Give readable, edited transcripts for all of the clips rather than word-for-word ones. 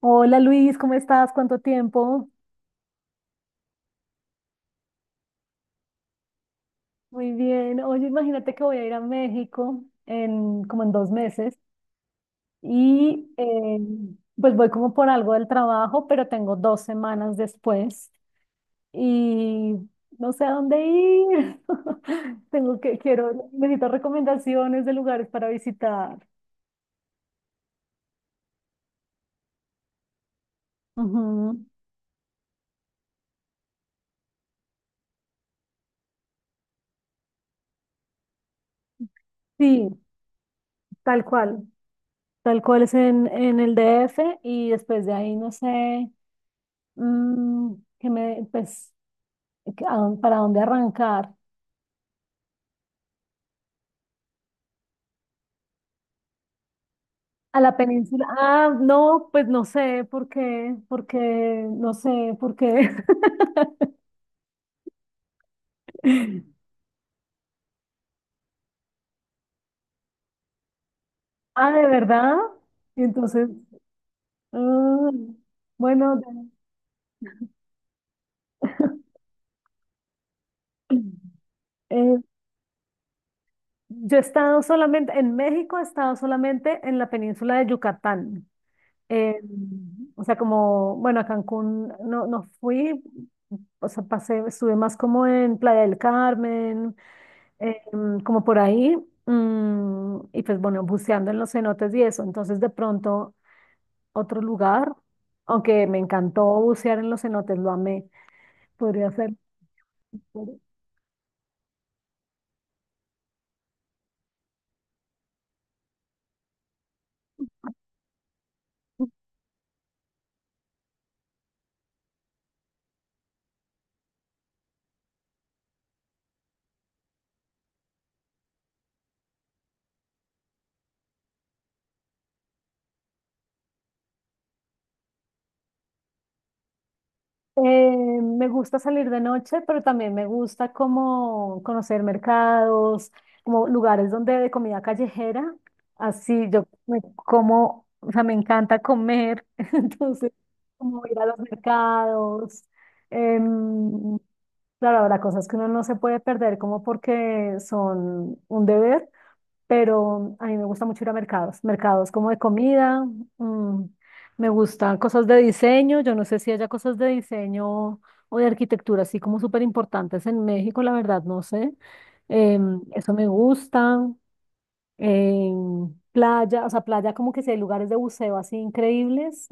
Hola Luis, ¿cómo estás? ¿Cuánto tiempo? Muy bien. Oye, imagínate que voy a ir a México en como en dos meses y pues voy como por algo del trabajo, pero tengo dos semanas después y no sé a dónde ir. Necesito recomendaciones de lugares para visitar. Ujú. Sí, tal cual, tal cual es en el DF y después de ahí no sé. Mm, que me, pues que Para dónde arrancar? A la península. Ah, no, pues no sé por qué, porque no sé por qué. Ah, ¿de verdad? Y entonces, ah, bueno, de- eh, yo he estado solamente, en México he estado solamente en la península de Yucatán. Eh, o sea, como, bueno, a Cancún no fui, o sea, pasé, estuve más como en Playa del Carmen, como por ahí, y pues bueno, buceando en los cenotes y eso. Entonces de pronto otro lugar, aunque me encantó bucear en los cenotes, lo amé, podría hacer. Eh, Me gusta salir de noche, pero también me gusta como conocer mercados, como lugares donde de comida callejera. Así yo me como, o sea, me encanta comer, entonces como ir a los mercados. Em, Claro, habrá cosas que uno no se puede perder como porque son un deber, pero a mí me gusta mucho ir a mercados, mercados como de comida. Mm, me gustan cosas de diseño, yo no sé si haya cosas de diseño o de arquitectura así como súper importantes en México, la verdad, no sé. Em, eso me gusta. Em, playa, o sea, playa como que si hay lugares de buceo así increíbles,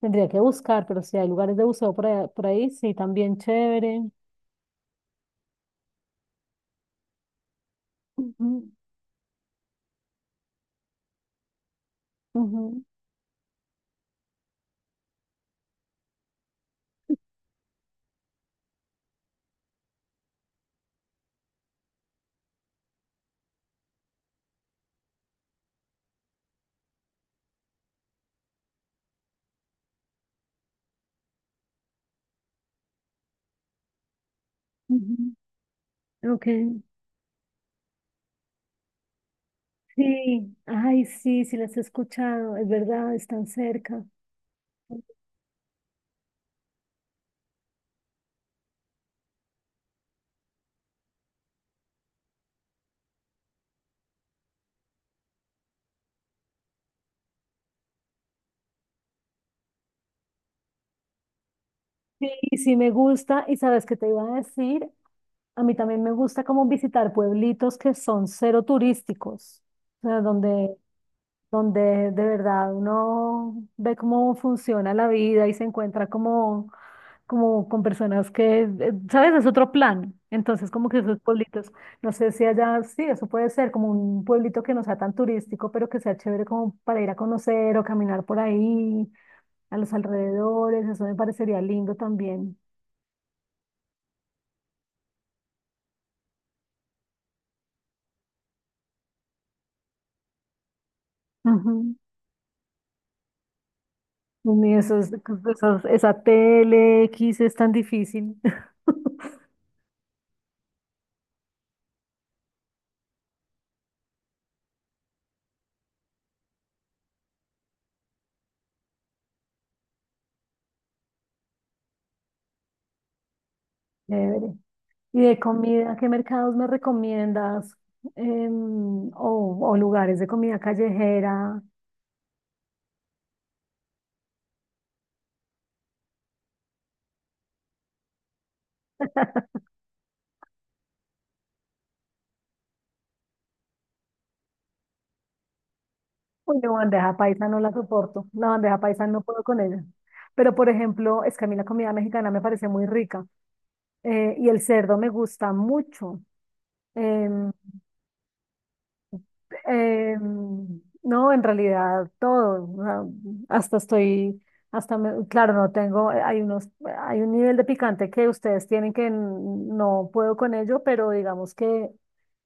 tendría que buscar, pero si hay lugares de buceo por ahí sí, también chévere. Ujú, ujú. Ujú, ok, sí, ay, sí, sí las he escuchado, es verdad, están cerca. Sí, sí me gusta, y sabes qué te iba a decir, a mí también me gusta como visitar pueblitos que son cero turísticos, o sea, donde, donde de verdad uno ve cómo funciona la vida y se encuentra como con personas que, ¿sabes? Es otro plan. Entonces, como que esos pueblitos, no sé si allá, sí, eso puede ser como un pueblito que no sea tan turístico, pero que sea chévere como para ir a conocer o caminar por ahí, a los alrededores, eso me parecería lindo también. Ujú. Y esa TLX es tan difícil. Chévere. ¿Y de comida, qué mercados me recomiendas? O lugares de comida callejera. Uy, no, bandeja paisa no la soporto. La bandeja paisa no puedo con ella. Pero, por ejemplo, es que a mí la comida mexicana me parece muy rica. Y el cerdo me gusta mucho. Em, em, no, en realidad todo. O sea, hasta estoy, hasta me- claro, no tengo, hay un nivel de picante que ustedes tienen no puedo con ello, pero digamos que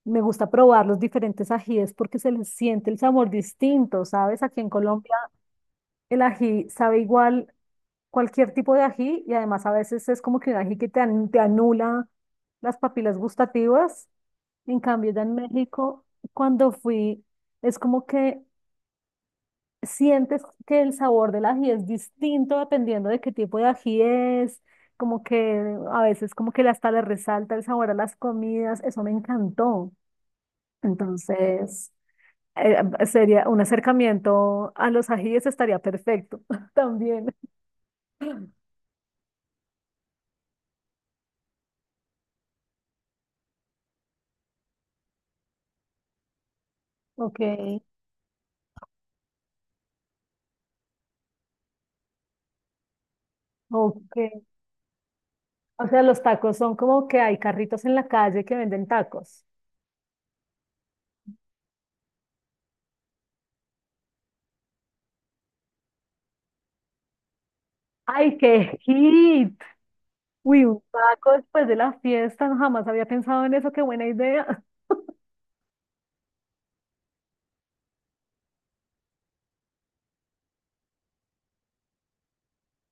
me gusta probar los diferentes ajíes porque se les siente el sabor distinto, ¿sabes? Aquí en Colombia. El ají sabe igual cualquier tipo de ají y además a veces es como que un ají que te anula las papilas gustativas. En cambio, ya en México, cuando fui, es como que sientes que el sabor del ají es distinto dependiendo de qué tipo de ají es, como que a veces como que hasta le resalta el sabor a las comidas. Eso me encantó. Entonces, sería un acercamiento a los ajíes, estaría perfecto también. Ok. Ok. O sea, los tacos son como que hay carritos en la calle que venden tacos. ¡Ay, qué hit! Uy, un taco después de la fiesta, no, jamás había pensado en eso, qué buena idea.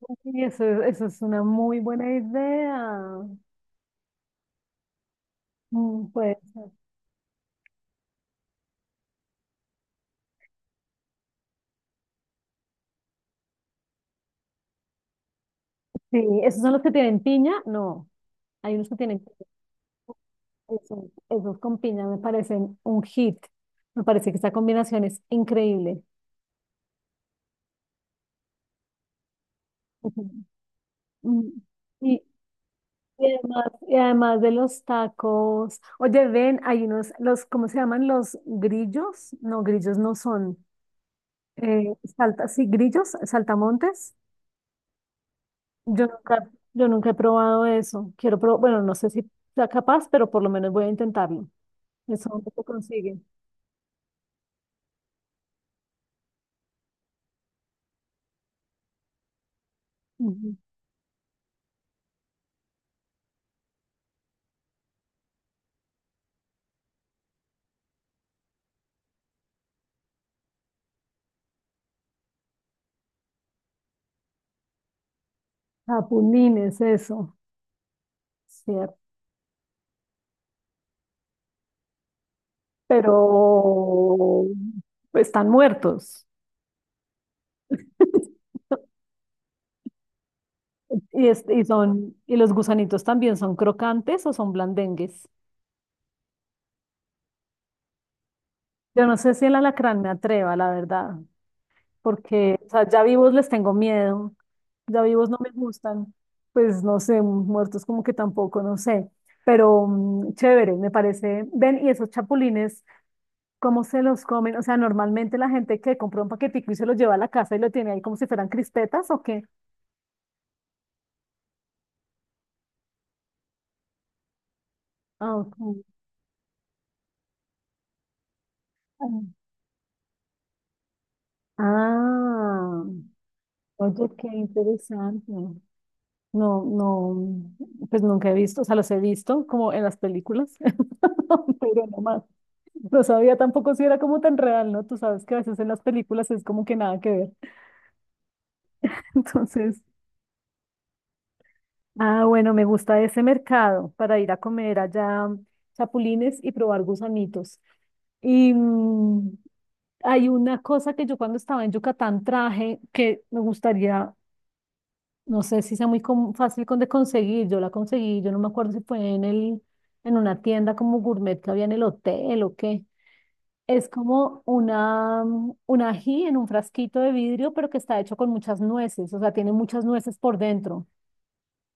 Y eso, eso es una muy buena idea. Mm, pues sí, ¿esos son los que tienen piña? No, hay unos que tienen piña. Esos con piña me parecen un hit. Me parece que esta combinación es increíble. Ujú. Mm, Y, y además, y además de los tacos, oye, ven, hay unos, los, ¿cómo se llaman? Los grillos. No, grillos no son. Eh, sí, grillos, saltamontes. Yo nunca he probado eso. Quiero probar, bueno, no sé si sea capaz, pero por lo menos voy a intentarlo. Eso no se consigue. Ujú. Chapulines, eso. Cierto. Pero están muertos. Y, y son, y los gusanitos también son crocantes o son blandengues. Yo no sé si el alacrán me atreva, la verdad, porque, o sea, ya vivos les tengo miedo, ya vivos no me gustan, pues no sé, muertos como que tampoco, no sé, pero mm, chévere, me parece. Ven, y esos chapulines, ¿cómo se los comen? O sea, normalmente la gente que compra un paquetico y se los lleva a la casa y lo tiene ahí como si fueran crispetas, ¿o qué? Ah, ok. Ah, oye, qué interesante. No, no, pues nunca he visto, o sea, los he visto como en las películas, pero no más. No sabía tampoco si era como tan real, ¿no? Tú sabes que a veces en las películas es como que nada que ver. Entonces, bueno, me gusta ese mercado para ir a comer allá mm, chapulines y probar gusanitos. Y mm, hay una cosa que yo cuando estaba en Yucatán traje que me gustaría. No sé si sea muy fácil con de conseguir. Yo la conseguí, yo no me acuerdo si fue en una tienda como gourmet que había en el hotel o qué. Es como una, mm, un ají en un frasquito de vidrio, pero que está hecho con muchas nueces, o sea, tiene muchas nueces por dentro.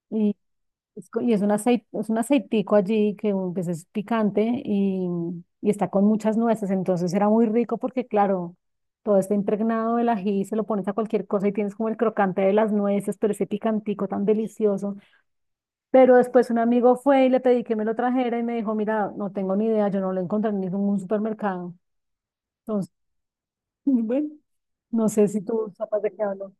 Y es, y es un aceite, es un aceitico allí que mm, pues, es picante y, mm, y está con muchas nueces. Entonces era muy rico porque, claro, todo está impregnado del ají, se lo pones a cualquier cosa y tienes como el crocante de las nueces, pero ese picantico tan delicioso. Pero después un amigo fue y le pedí que me lo trajera y me dijo, mira, no tengo ni idea, yo no lo encontré en ningún supermercado. Entonces, bueno, no sé si tú sabes de qué hablo.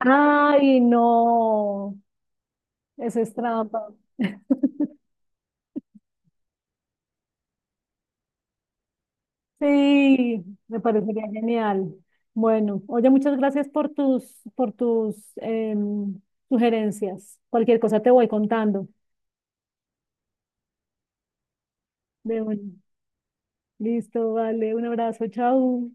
Ay, no, eso es trampa. Sí, me parecería genial. Bueno, oye, muchas gracias por tus, por tus sugerencias. Cualquier cosa te voy contando. De bueno, listo, vale, un abrazo, chao.